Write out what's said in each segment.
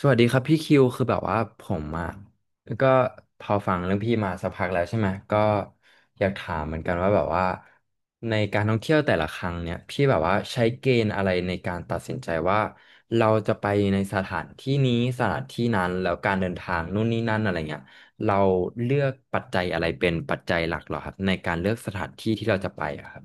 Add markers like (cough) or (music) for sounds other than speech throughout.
สวัสดีครับพี่คิวคือแบบว่าผมอ่ะก็พอฟังเรื่องพี่มาสักพักแล้วใช่ไหมก็อยากถามเหมือนกันว่าแบบว่าในการท่องเที่ยวแต่ละครั้งเนี่ยพี่แบบว่าใช้เกณฑ์อะไรในการตัดสินใจว่าเราจะไปในสถานที่นี้สถานที่นั้นแล้วการเดินทางนู่นนี่นั่นอะไรเงี้ยเราเลือกปัจจัยอะไรเป็นปัจจัยหลักเหรอครับในการเลือกสถานที่ที่เราจะไปอะครับ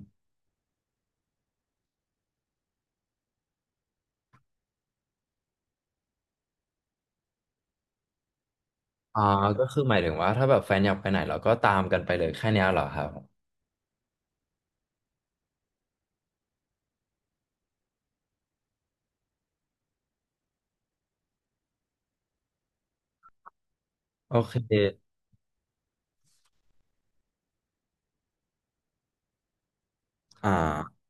อ่าก็คือหมายถึงว่าถ้าแบบแฟนอยากไปไหนเราก็ตามกันไปเลยแค่เนี้ยเหรอครับโอเคอ่า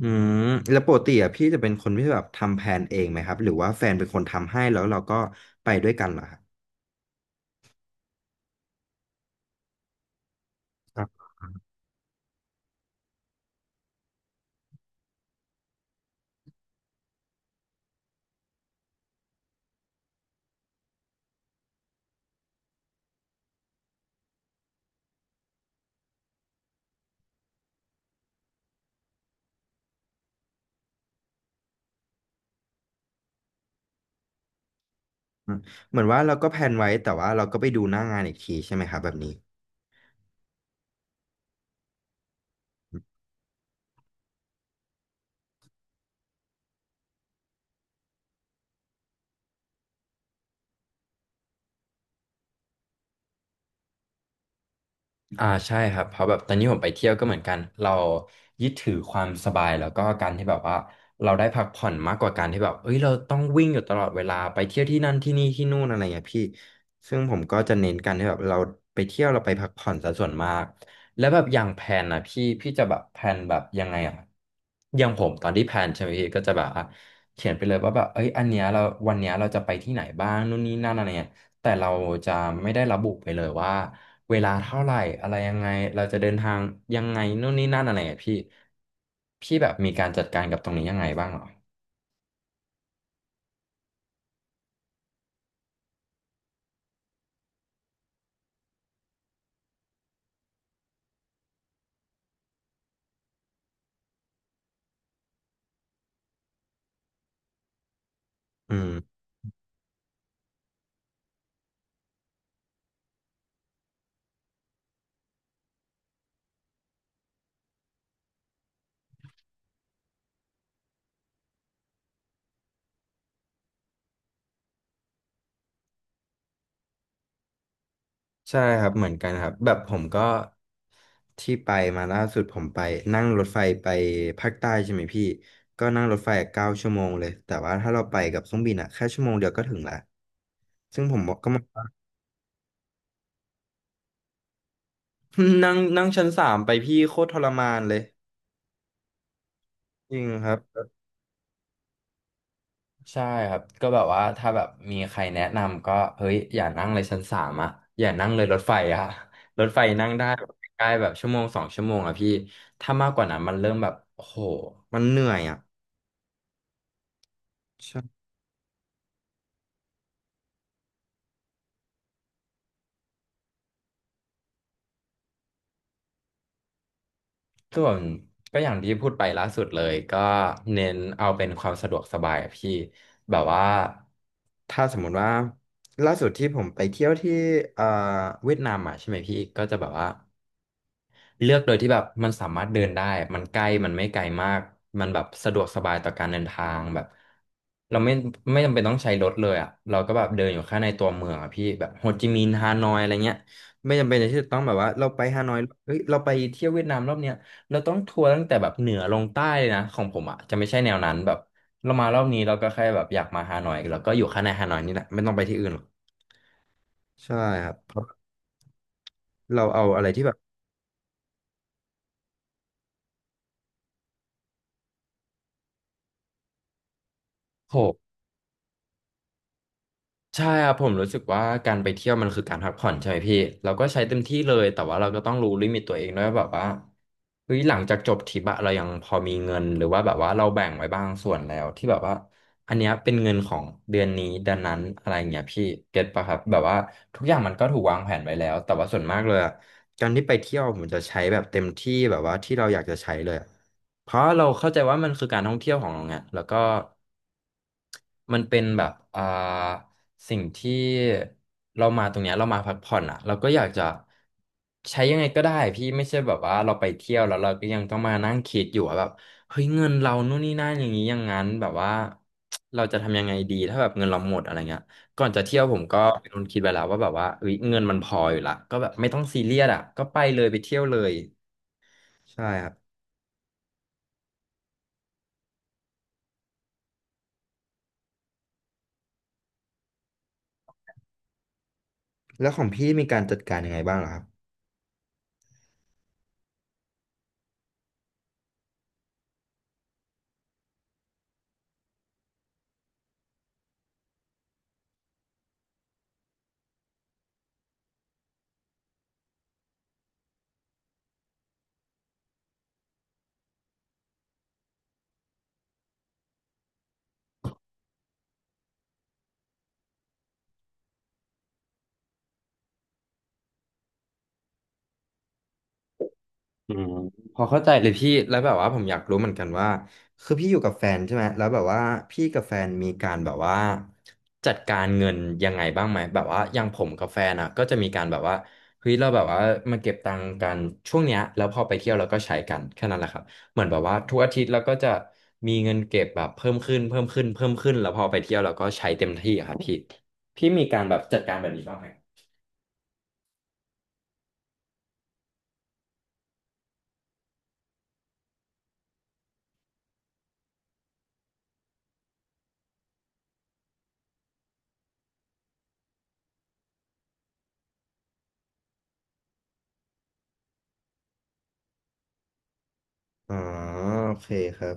อืมแล้วปกติอ่ะพี่จะเป็นคนที่แบบทำแผนเองไหมครับหรือว่าแฟนเป็นคนทำให้แล้วเราก็ไปด้วยกันเหรอครับครับอืมเหมือนว่าเราก็แผนไว้แต่ว่าเราก็ไปดูหน้างานอีกทีใช่ไหมครับแบบนี้ อ่าใช่ครับเพราะแบบตอนนี้ผมไปเที่ยวก็เหมือนกันเรายึดถือความสบายแล้วก็การที่แบบว่าเราได้พักผ่อนมากกว่าการที่แบบเอ้ยเราต้องวิ่งอยู่ตลอดเวลาไปเที่ยวที่นั่นที่นี่ที่นู่นอะไรเงี้ยพี่ซึ่งผมก็จะเน้นกันที่แบบเราไปเที่ยวเราไปพักผ่อนซะส่วนมากแล้วแบบอย่างแพนนอ่ะพี่จะแบบแพนแบบยังไงอ่ะอย่างผมตอนที่แพนใช่ไหมพี่ก็จะแบบอ่ะเขียนไปเลยว่าแบบเอ้ยอันเนี้ยเราวันเนี้ยเราจะไปที่ไหนบ้างนู่นนี่นั่นอะไรเงี้ย แต่เราจะไม่ได้ระบุไปเลยว่าเวลาเท่าไหร่อะไรยังไงเราจะเดินทางยังไงนู่นนี่นั่นอะไรอะพี่พี่แบบมีการจัดการกับตรงนี้ยังไงบ้างเหรออืมใช่ครับเหมือนกันครับแบบผมก็ที่ไปมาล่าสุดผมไปนั่งรถไฟไปภาคใต้ใช่ไหมพี่ก็นั่งรถไฟ9 ชั่วโมงเลยแต่ว่าถ้าเราไปกับเครื่องบินอะแค่ชั่วโมงเดียวก็ถึงละซึ่งผมบอกก็มา (laughs) นั่งนั่งชั้น 3ไปพี่โคตรทรมานเลยจริงครับ ใช่ครับก็แบบว่าถ้าแบบมีใครแนะนำก็เฮ้ยอย่านั่งเลยชั้นสามอะอย่านั่งเลยรถไฟอะ (laughs) รถไฟนั่งได้แบบใกล้ๆแบบชั่วโมง 2 ชั่วโมงอะพี่ถ้ามากกว่านั้นมันเริ่มแบบโอ้โหมันเหนื่อยอะใช่ส่วนก็อย่างที่พูดไปล่าสุดเลยก็เน้นเอาเป็นความสะดวกสบายอะพี่แบบว่าถ้าสมมุติว่าล่าสุดที่ผมไปเที่ยวที่เอ่อเวียดนามอะใช่ไหมพี่ก็จะแบบว่า เลือกโดยที่แบบมันสามารถเดินได้ มันใกล้มันไม่ไกลมากมันแบบสะดวกสบายต่อการเดินทางแบบเราไม่จำเป็นต้องใช้รถเลยอ่ะเราก็แบบเดินอยู่แค่ในตัวเมืองอ่ะพี่แบบโฮจิมินห์ฮานอยอะไรเงี้ยไม่จำเป็นที่จะต้องแบบว่าเราไปฮานอยเฮ้ยเราไปเที่ยวเวียดนามรอบเนี้ยเราต้องทัวร์ตั้งแต่แบบเหนือลงใต้เลยนะของผมอ่ะจะไม่ใช่แนวนั้นแบบเรามารอบนี้เราก็แค่แบบอยากมาฮานอยเราก็อยู่แค่ในฮานอยนี่แหละไม่ต้องไปที่อื่นหรอกใช่ครับเพราะเราเอาอะไรที่แบบโห ใช่ครับผมรู้สึกว่าการไปเที่ยวมันคือการพักผ่อนใช่ไหมพี่เราก็ใช้เต็มที่เลยแต่ว่าเราก็ต้องรู้ลิมิตตัวเองด้วยว่าแบบว่าเฮ้ยหลังจากจบทริปอะเรายังพอมีเงินหรือว่าแบบว่าเราแบ่งไว้บางส่วนแล้วที่แบบว่าอันเนี้ยเป็นเงินของเดือนนี้เดือนนั้นอะไรอย่างเงี้ยพี่เก็ตปะครับแบบว่าทุกอย่างมันก็ถูกวางแผนไว้แล้วแต่ว่าส่วนมากเลยอะการที่ไปเที่ยวผมจะใช้แบบเต็มที่แบบว่าที่เราอยากจะใช้เลยอะเพราะเราเข้าใจว่ามันคือการท่องเที่ยวของเราไงแล้วก็มันเป็นแบบสิ่งที่เรามาตรงเนี้ยเรามาพักผ่อนอ่ะเราก็อยากจะใช้ยังไงก็ได้พี่ไม่ใช่แบบว่าเราไปเที่ยวแล้วเราก็ยังต้องมานั่งคิดอยู่ว่าแบบเฮ้ยเงินเรานู่นนี่นั่นอย่างนี้อย่างนั้นแบบว่าเราจะทำยังไงดีถ้าแบบเงินเราหมดอะไรเงี้ยก่อนจะเที่ยวผมก็เป็นคนคิดไว้แล้วว่าแบบว่าเฮ้ยเงินมันพออยู่ละก็แบบไม่ต้องซีเรียสอ่ะก็ไปเลยไปเที่ยวเลยใช่ครับแล้วของพี่มีการจัดการยังไงบ้างเหรอครับ อืมพอเข้าใจเลยพี่แล้วแบบว่าผมอยากรู้เหมือนกันว่าคือพี่อยู่กับแฟนใช่ไหมแล้วแบบว่าพี่กับแฟนมีการแบบว่าจัดการเงินยังไงบ้างไหมแบบว่าอย่างผมกับแฟนอ่ะก็จะมีการแบบว่าเฮ้ยเราแบบว่ามาเก็บตังค์กันช่วงเนี้ยแล้วพอไปเที่ยวเราก็ใช้กันแค่นั้นแหละครับเหมือนแบบว่าทุกอาทิตย์เราก็จะมีเงินเก็บแบบเพิ่มขึ้นเพิ่มขึ้นเพิ่มขึ้นแล้วพอไปเที่ยวเราก็ใช้เต็มที่อะครับพี่พี่มีการแบบจัดการแบบนี้บ้างไหมอ๋อโอเคครับ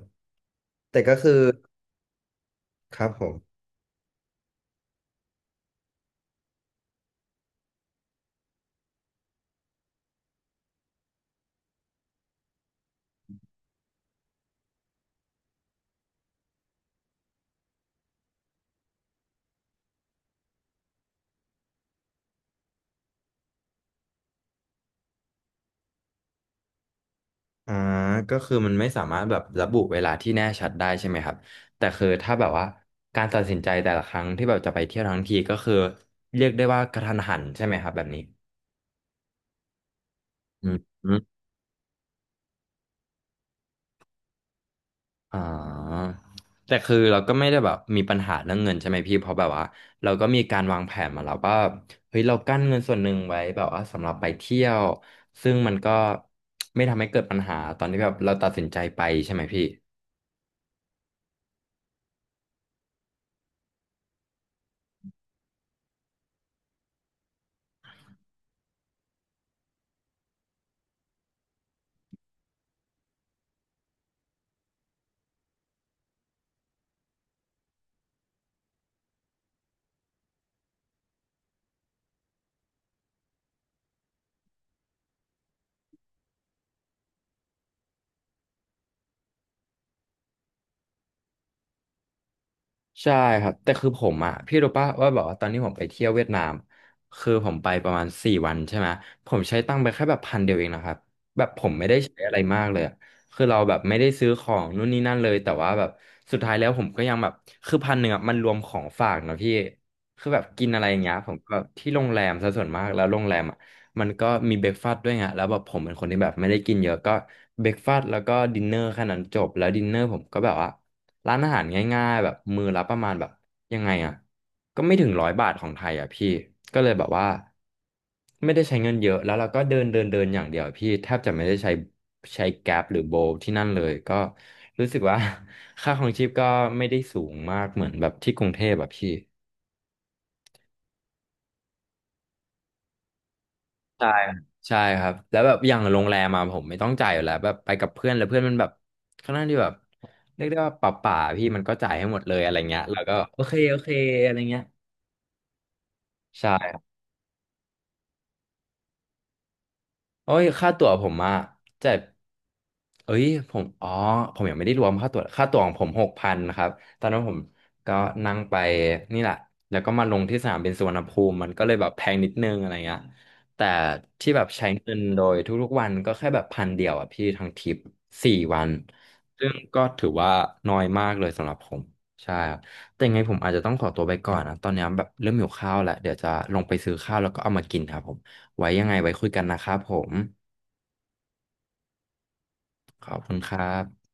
แต่ก็คือครับผม อ่าก็คือมันไม่สามารถแบบระบุเวลาที่แน่ชัดได้ใช่ไหมครับ แต่คือถ้าแบบว่าการตัดสินใจแต่ละครั้งที่แบบจะไปเที่ยวทั้งทีก็คือเรียกได้ว่ากระทันหันใช่ไหมครับแบบนี้อืมอมอ๋อแต่คือเราก็ไม่ได้แบบมีปัญหาเรื่องเงินใช่ไหมพี่ เพราะแบบว่าเราก็มีการวางแผนมาแล้วว่าเฮ้ยเรากั้นเงินส่วนหนึ่งไว้แบบว่าสำหรับไปเที่ยวซึ่งมันก็ไม่ทำให้เกิดปัญหาตอนที่แบบเราตัดสินใจไปใช่ไหมพี่ ใช่ครับแต่คือผมอ่ะพี่รู้ป่ะว่าแบบว่าตอนนี้ผมไปเที่ยวเวียดนามคือผมไปประมาณสี่วันใช่ไหมผมใช้ตังค์ไปแค่แบบพันเดียวเองนะครับแบบผมไม่ได้ใช้อะไรมากเลยอะคือเราแบบไม่ได้ซื้อของนู่นนี่นั่นเลยแต่ว่าแบบสุดท้ายแล้วผมก็ยังแบบคือพันหนึ่งอ่ะมันรวมของฝากเนอะพี่คือแบบกินอะไรอย่างเงี้ยผมก็ที่โรงแรมซะส่วนมากแล้วโรงแรมอ่ะมันก็มีเบรกฟาสต์ด้วยไงแล้วแบบผมเป็นคนที่แบบไม่ได้กินเยอะก็เบรกฟาสต์แล้วก็ดินเนอร์แค่นั้นจบแล้วดินเนอร์ผมก็แบบว่า ร้านอาหารง่ายๆแบบมือละประมาณแบบยังไงอ่ะก็ไม่ถึงร้อยบาทของไทยอ่ะพี่ก็เลยแบบว่าไม่ได้ใช้เงินเยอะแล้วเราก็เดินเดินเดินอย่างเดียวพี่แทบจะไม่ได้ใช้ใช้แกร็บหรือโบลที่นั่นเลยก็รู้สึกว่า (laughs) ค่าครองชีพก็ไม่ได้สูงมากเหมือนแบบที่กรุงเทพแบบพี่ใช่ครับใช่ครับแล้วแบบอย่างโรงแรมมาผมไม่ต้องจ่ายอยู่แล้วแบบไปกับเพื่อนแล้วเพื่อนมันแบบค่อนข้างที่แบบเรียกได้ว่าป่าพี่มันก็จ่ายให้หมดเลยอะไรเงี้ยแล้วก็โอเคโอเคอะไรเงี้ยใช่ โอ้ยค่าตั๋วผมอะจ่ายเอ้ยผมอ๋อผมยังไม่ได้รวมค่าตั๋วค่าตั๋วของผมหกพันครับตอนนั้นผมก็นั่งไปนี่แหละแล้วก็มาลงที่สนามบินสุวรรณภูมิมันก็เลยแบบแพงนิดนึงอะไรเงี้ยแต่ที่แบบใช้เงินโดยทุกๆวันก็แค่แบบพันเดียวอะพี่ทั้งทริปสี่วันซึ่งก็ถือว่าน้อยมากเลยสำหรับผมใช่ครับแต่ยังไงผมอาจจะต้องขอตัวไปก่อนนะตอนนี้แบบเริ่มหิวข้าวแล้วเดี๋ยวจะลงไปซื้อข้าวแล้วก็เอามากินครับผม ไว้ยังไงไว้คุยกันนะครับผมขอบคุณครับ